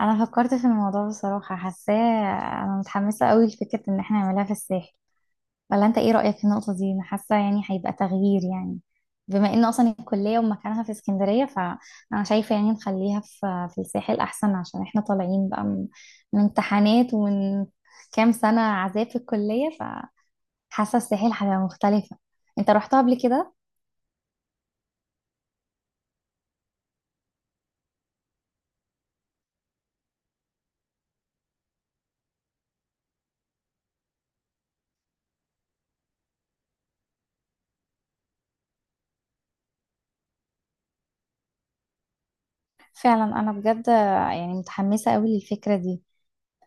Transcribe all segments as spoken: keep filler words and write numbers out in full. انا فكرت في الموضوع بصراحة حاساه. انا متحمسة قوي لفكرة ان احنا نعملها في الساحل. ولا انت ايه رأيك في النقطة دي؟ انا حاسة يعني هيبقى تغيير يعني، بما ان اصلا الكلية ومكانها في اسكندرية، فانا شايفة يعني نخليها في في الساحل احسن، عشان احنا طالعين بقى من من امتحانات ومن كام سنة عذاب في الكلية. فحاسة الساحل هتبقى مختلفة. انت رحتها قبل كده؟ فعلا انا بجد يعني متحمسة قوي للفكرة دي.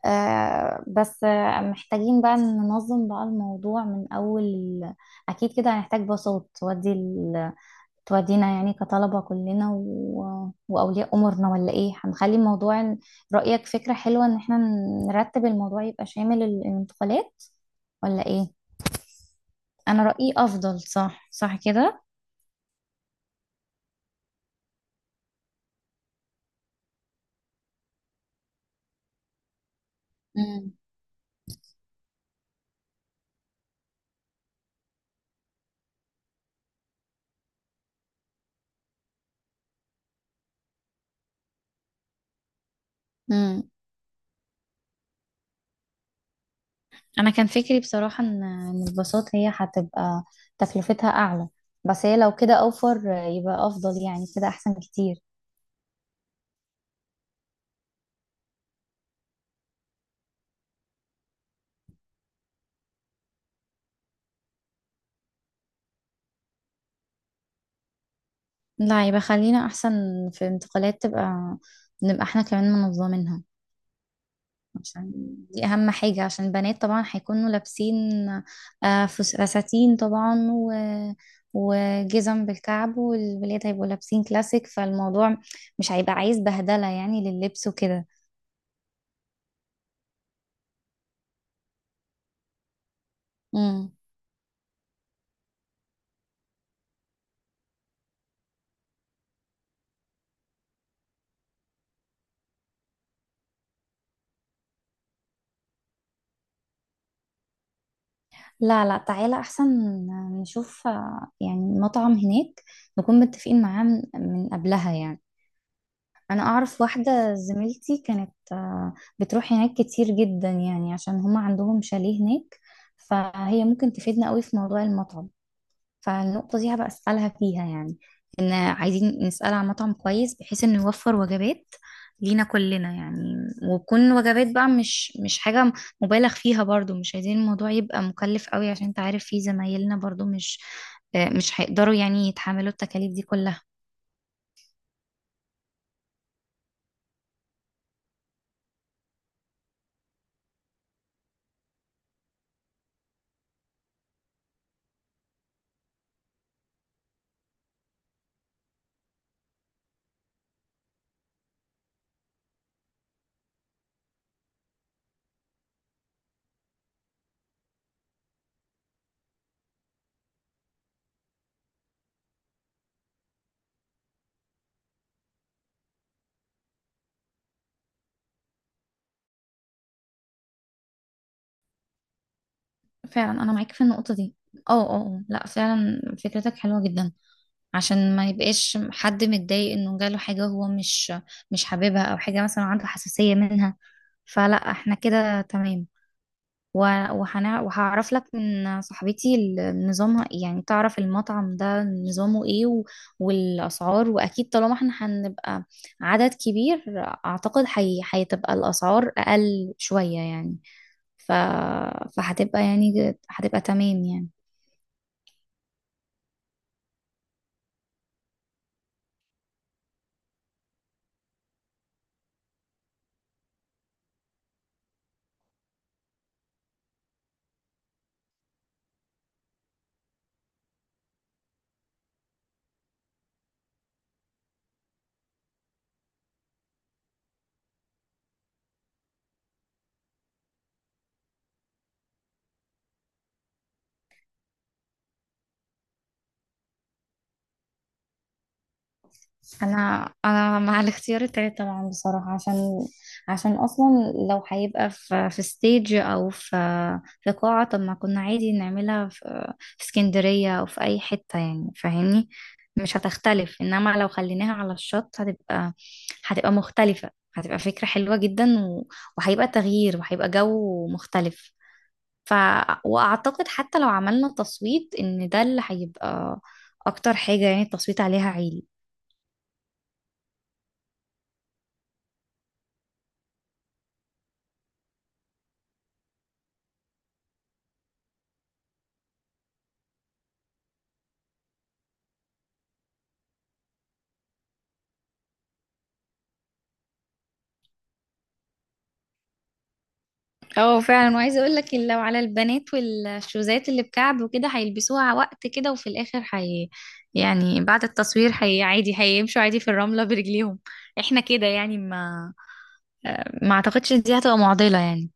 آه، بس آه، محتاجين بقى ننظم بقى الموضوع من أول ال- أكيد كده هنحتاج باصات تودي ال... تودينا يعني، كطلبة كلنا و... وأولياء أمورنا، ولا إيه؟ هنخلي الموضوع ن- رأيك فكرة حلوة إن إحنا نرتب الموضوع، يبقى شامل ال- الانتقالات ولا إيه؟ أنا رأيي أفضل، صح صح كده. مم. مم. أنا كان فكري بصراحة إن إن الباصات هي هتبقى تكلفتها أعلى، بس هي لو كده أوفر آه، يبقى أفضل، يعني كده أحسن كتير. لا، يبقى خلينا احسن في انتقالات، تبقى نبقى احنا كمان منظمينها، عشان دي اهم حاجة، عشان البنات طبعا هيكونوا لابسين آه، فس- فساتين طبعا، و وجزم بالكعب، والولاد هيبقوا لابسين كلاسيك، فالموضوع مش هيبقى عايز بهدلة يعني لللبس وكده. مم. لا لا، تعالى احسن نشوف آه، يعني مطعم هناك نكون متفقين معاه من من قبلها يعني. انا اعرف واحده زميلتي كانت آه، بتروح هناك كتير جدا يعني، عشان هما عندهم شاليه هناك. فهي ممكن تفيدنا قوي في موضوع المطعم. فالنقطه دي هبقى اسالها فيها يعني، ان عايزين نسال عن مطعم كويس بحيث انه يوفر وجبات لينا كلنا يعني، وتكون وجبات بقى مش مش حاجه مبالغ فيها برضو، مش عايزين الموضوع يبقى مكلف قوي، عشان انت عارف في زمايلنا برضو مش، آه، مش هيقدروا يعني يتحملوا التكاليف دي كلها. فعلا انا معاك في النقطه دي. اه اه. آه. لا فعلا فكرتك حلوه جدا، عشان ما يبقاش حد متضايق انه جاله حاجه هو مش مش حاببها، او حاجه مثلا عنده حساسيه منها. فلا احنا كده تمام. و- وهنع- وهعرف لك من صاحبتي ال- نظامها يعني، تعرف المطعم ده نظامه ايه و- والاسعار. واكيد طالما احنا هنبقى عدد كبير، اعتقد هي- هتبقى الاسعار اقل شويه يعني. ف... فهتبقى يعني هتبقى تمام يعني. انا انا مع الاختيار التالت طبعا بصراحه، عشان عشان اصلا لو هيبقى في في ستيج او في في قاعه، طب ما كنا عادي نعملها في في اسكندريه او في اي حته يعني، فاهمني؟ مش هتختلف، انما لو خليناها على الشط، هتبقى هتبقى مختلفه، هتبقى فكره حلوه جدا، و... وهيبقى تغيير، وهيبقى جو مختلف. ف واعتقد حتى لو عملنا تصويت، ان ده اللي هيبقى اكتر حاجه يعني التصويت عليها عالي. اه فعلا، وعايزه اقول لك لو على البنات والشوزات اللي بكعب وكده هيلبسوها وقت كده، وفي الاخر هي يعني بعد التصوير هي عادي، هيمشوا عادي في الرمله برجليهم. احنا كده يعني ما ما اعتقدش إن دي هتبقى معضله يعني.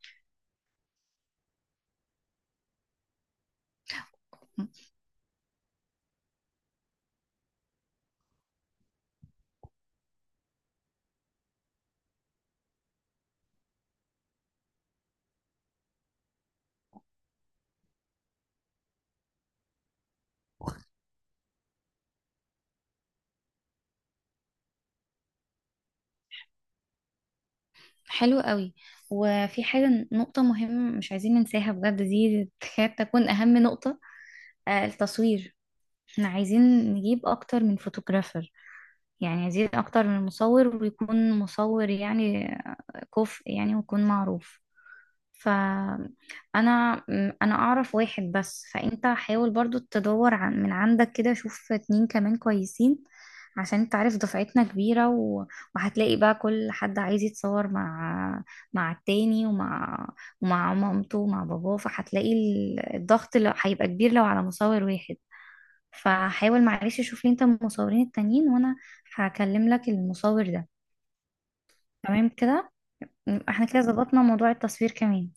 حلو قوي. وفي حاجه نقطه مهمه مش عايزين ننساها بجد، دي تكاد تكون اهم نقطه: آه، التصوير. احنا عايزين نجيب اكتر من فوتوغرافر، يعني عايزين اكتر من مصور ويكون مصور يعني كفء يعني ويكون معروف. فأنا م- أنا أعرف واحد بس، فأنت حاول برضو تدور عن من عندك كده، شوف اتنين كمان كويسين، عشان انت عارف دفعتنا كبيرة. و... وهتلاقي بقى كل حد عايز يتصور مع مع التاني، ومع ومع مامته ومع باباه، فهتلاقي ال- الضغط اللي هيبقى كبير لو على مصور واحد. فحاول معلش شوف لي انت المصورين التانيين، وانا هكلم لك المصور ده. تمام كده، احنا كده ظبطنا موضوع التصوير كمان.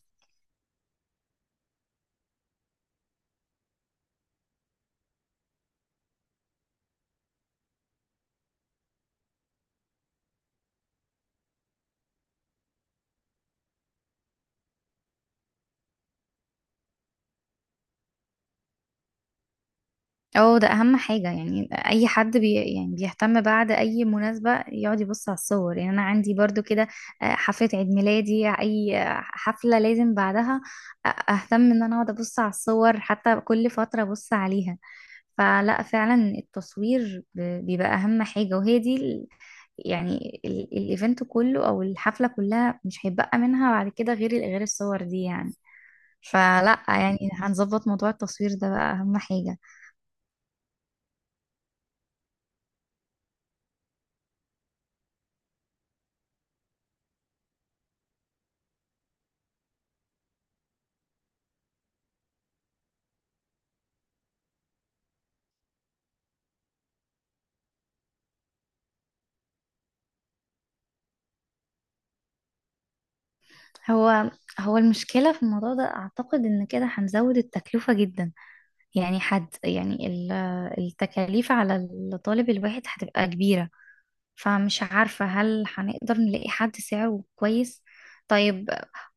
اه ده اهم حاجة، يعني اي حد بي يعني بيهتم بعد اي مناسبة يقعد يبص على الصور. يعني انا عندي برضو كده، آه، حفلة عيد ميلادي، اي آه، حفلة لازم بعدها آه، اهتم ان انا اقعد ابص على الصور، حتى كل فترة ابص عليها. فلا فعلا التصوير ب- بيبقى اهم حاجة، وهي دي ال- يعني ال- الايفنت كله او الحفلة كلها، مش هيبقى منها بعد كده غير غير الصور دي يعني. فلا يعني هنظبط موضوع التصوير ده بقى اهم حاجة. هو هو المشكلة في الموضوع ده أعتقد إن كده هنزود التكلفة جدا، يعني حد يعني ال- التكاليف على الطالب الواحد هتبقى كبيرة. فمش عارفة هل هنقدر نلاقي حد سعره كويس؟ طيب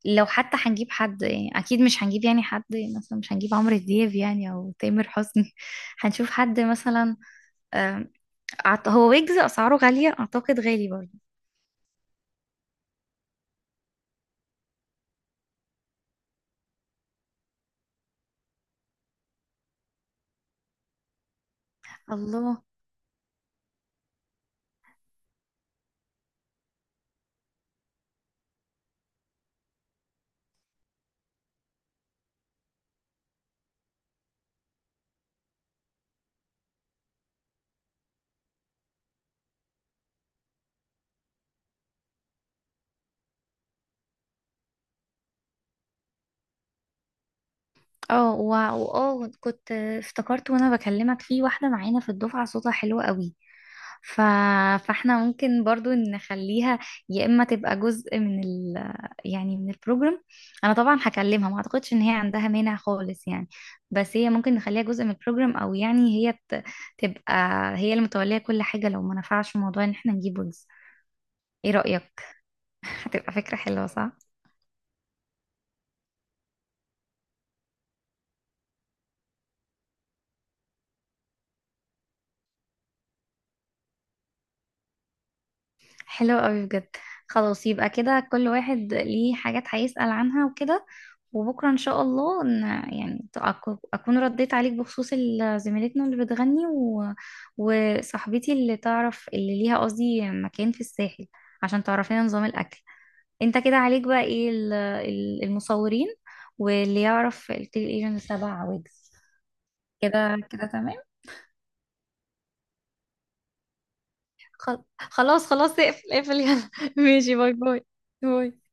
لو حتى هنجيب حد، يعني أكيد مش هنجيب يعني حد مثلا، مش هنجيب عمرو دياب يعني أو تامر حسني هنشوف حد مثلا. آم، أعت- هو ويجز أسعاره غالية أعتقد، غالي برضه. الله. اه وع- واه، كنت افتكرت وانا بكلمك في واحده معانا في الدفعه صوتها حلو قوي. ف... فاحنا ممكن برضو نخليها يا اما تبقى جزء من ال... يعني من البروجرام. انا طبعا هكلمها، ما اعتقدش ان هي عندها مانع خالص يعني، بس هي ممكن نخليها جزء من البروجرام، او يعني هي ت... تبقى هي اللي متوليه كل حاجه لو ما نفعش موضوع ان احنا نجيب ويجز. ايه رايك؟ هتبقى فكره حلوه صح؟ حلو قوي بجد. خلاص يبقى كده كل واحد ليه حاجات هيسأل عنها وكده. وبكرة إن شاء الله إن يعني أك- أكون رديت عليك بخصوص ال- زميلتنا اللي بتغني، و... وصاحبتي اللي تعرف، اللي ليها قصدي مكان في الساحل، عشان تعرفينا نظام الأكل. أنت كده عليك بقى إيه ال- ال- المصورين، واللي يعرف التيل ايجن السبع ويجز. كده كده تمام. خل- خلاص خلاص، اقفل اقفل، يلا ماشي، باي باي. باي.